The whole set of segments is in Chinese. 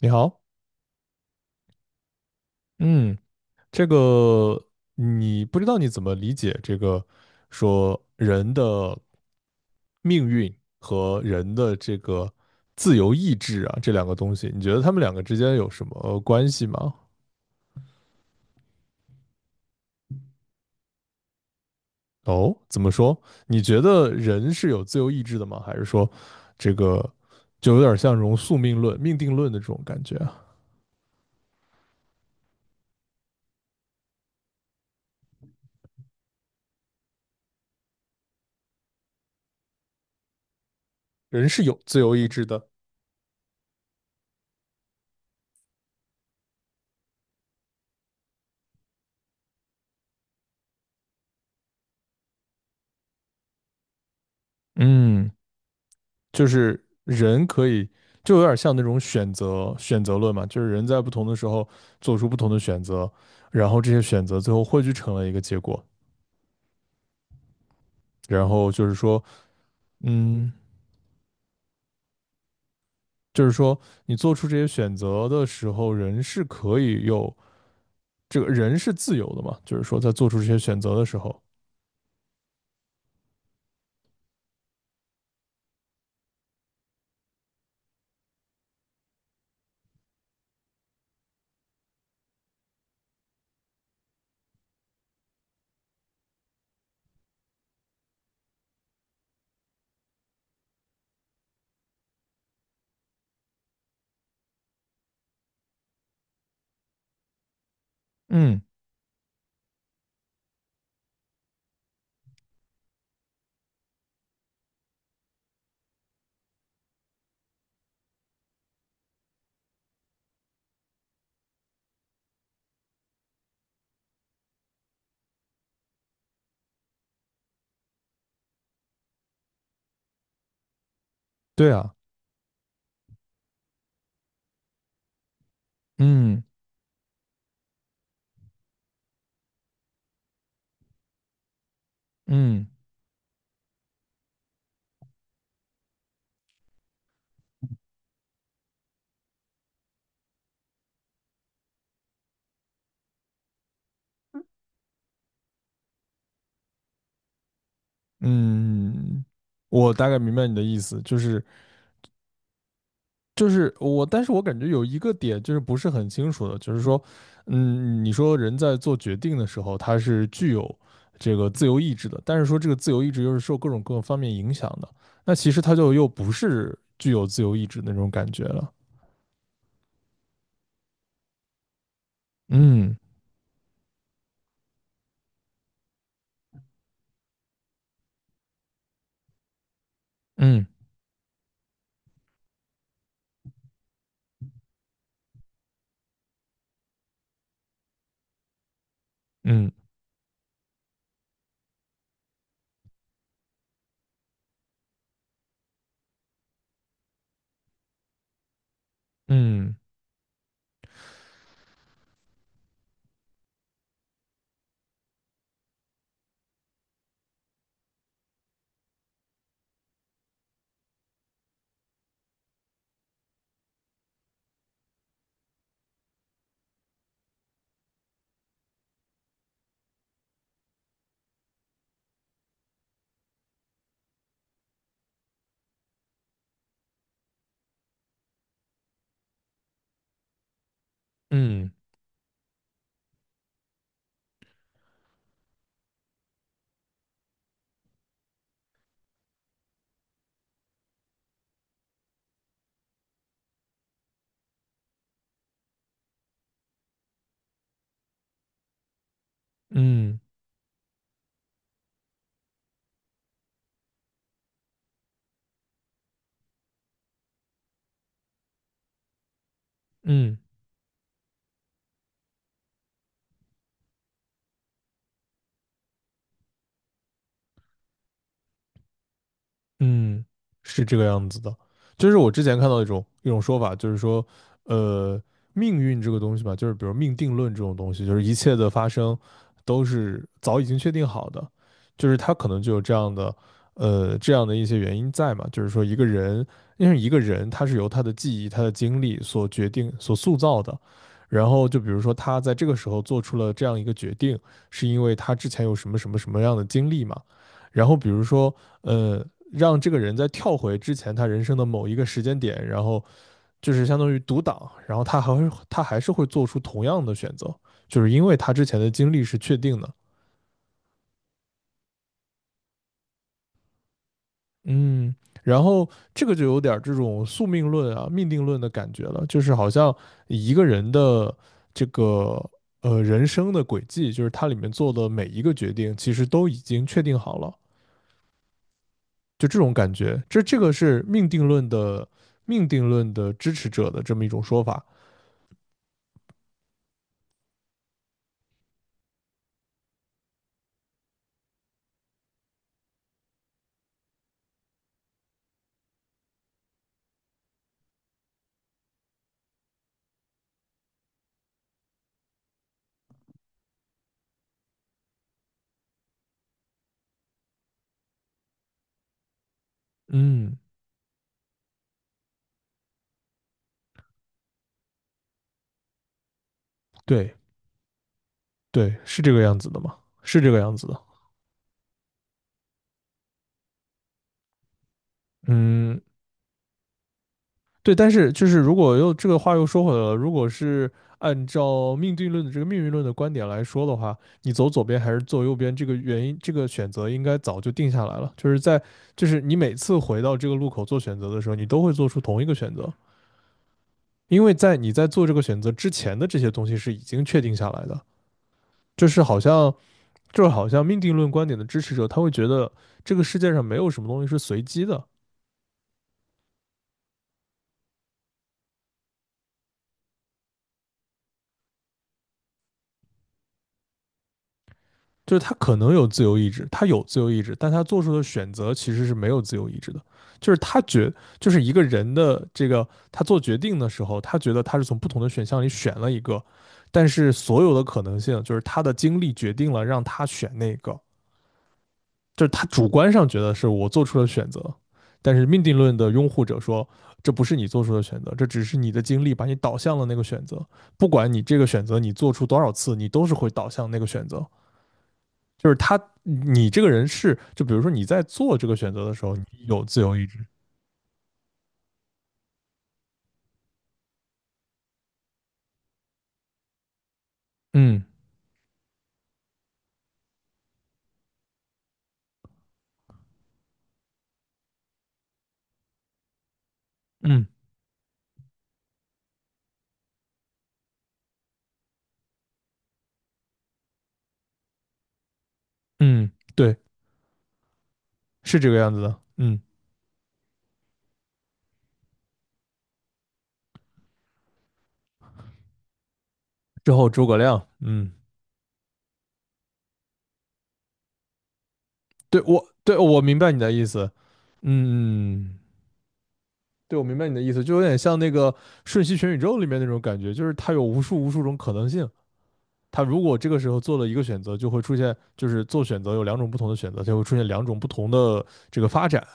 你好。嗯，这个你不知道你怎么理解这个说人的命运和人的这个自由意志啊，这两个东西，你觉得他们两个之间有什么关系吗？哦，怎么说？你觉得人是有自由意志的吗？还是说这个就有点像这种宿命论、命定论的这种感觉啊？人是有自由意志的。嗯。就是人可以，就有点像那种选择论嘛，就是人在不同的时候做出不同的选择，然后这些选择最后汇聚成了一个结果，然后嗯，就是说你做出这些选择的时候，人是可以有这个人是自由的嘛，就是说在做出这些选择的时候，嗯，对啊，嗯嗯嗯，嗯我大概明白你的意思，就是我，但是我感觉有一个点就是不是很清楚的，就是说，你说人在做决定的时候，他是具有这个自由意志的，但是说这个自由意志又是受各种各方面影响的，那其实他就又不是具有自由意志的那种感觉了。嗯嗯嗯嗯嗯嗯嗯。嗯嗯嗯嗯，是这个样子的。就是我之前看到一种说法，就是说，呃，命运这个东西吧，就是比如命定论这种东西，就是一切的发生都是早已经确定好的，就是它可能就有这样的，这样的一些原因在嘛。就是说，一个人，因为一个人他是由他的记忆、他的经历所决定、所塑造的。然后就比如说他在这个时候做出了这样一个决定，是因为他之前有什么什么什么样的经历嘛。然后比如说，呃。让这个人在跳回之前他人生的某一个时间点，然后就是相当于读档，然后他还是会做出同样的选择，就是因为他之前的经历是确定的。嗯，然后这个就有点这种宿命论啊、命定论的感觉了，就是好像一个人的这个人生的轨迹，就是他里面做的每一个决定，其实都已经确定好了，就这种感觉，这个是命定论的支持者的这么一种说法。嗯。对对，是这个样子的嘛，是这个样子的。嗯，对，但是就是如果又这个话又说回来了，如果是按照命定论的这个命运论的观点来说的话，你走左边还是走右边，这个原因这个选择应该早就定下来了。就是在就是你每次回到这个路口做选择的时候，你都会做出同一个选择，因为在你在做这个选择之前的这些东西是已经确定下来的。就是好像就是好像命定论观点的支持者，他会觉得这个世界上没有什么东西是随机的。就是他可能有自由意志，他有自由意志，但他做出的选择其实是没有自由意志的。就是就是一个人的这个他做决定的时候，他觉得他是从不同的选项里选了一个，但是所有的可能性就是他的经历决定了让他选那个，就是他主观上觉得是我做出了选择，但是命定论的拥护者说，这不是你做出的选择，这只是你的经历把你导向了那个选择。不管你这个选择你做出多少次，你都是会导向那个选择。就是他，你这个人是，就比如说你在做这个选择的时候，你有自由意志。嗯嗯嗯，对，是这个样子的。嗯，之后诸葛亮。嗯，对，我明白你的意思。嗯，对，我明白你的意思，就有点像那个《瞬息全宇宙》里面那种感觉，就是它有无数无数种可能性。他如果这个时候做了一个选择，就会出现，就是做选择有两种不同的选择，就会出现两种不同的这个发展，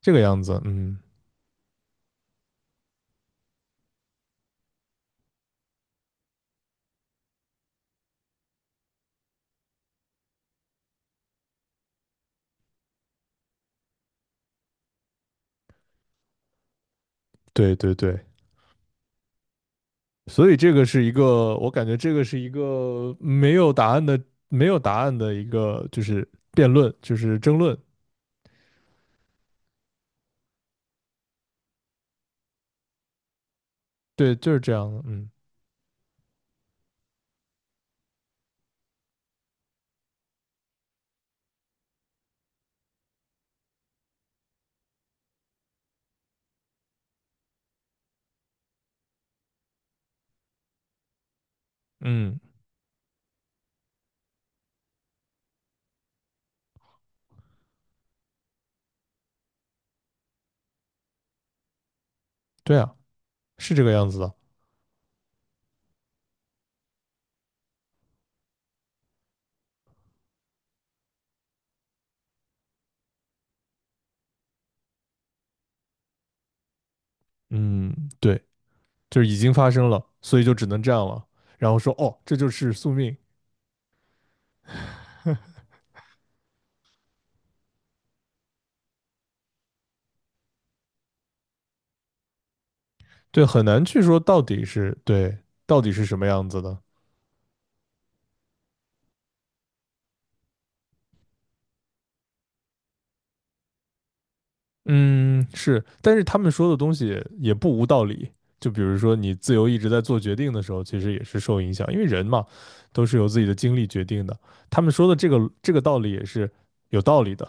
这个样子。嗯，对对对，所以这个是一个，我感觉这个是一个没有答案的，没有答案的一个，就是辩论，就是争论，对，就是这样的，嗯嗯，对啊，是这个样子的，嗯，对，就是已经发生了，所以就只能这样了，然后说，哦，这就是宿命。对，很难去说到底是对，到底是什么样子的，嗯，是，但是他们说的东西也不无道理。就比如说，你自由意志在做决定的时候，其实也是受影响，因为人嘛，都是由自己的经历决定的。他们说的这个道理也是有道理的。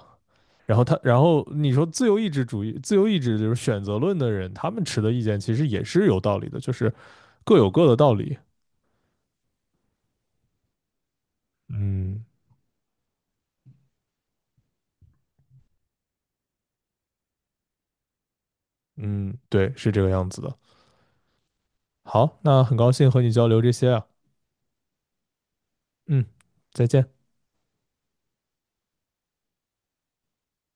然后他，然后你说自由意志主义、自由意志就是选择论的人，他们持的意见其实也是有道理的，就是各有各的道理。嗯嗯，对，是这个样子的。好，那很高兴和你交流这些啊。嗯，再见。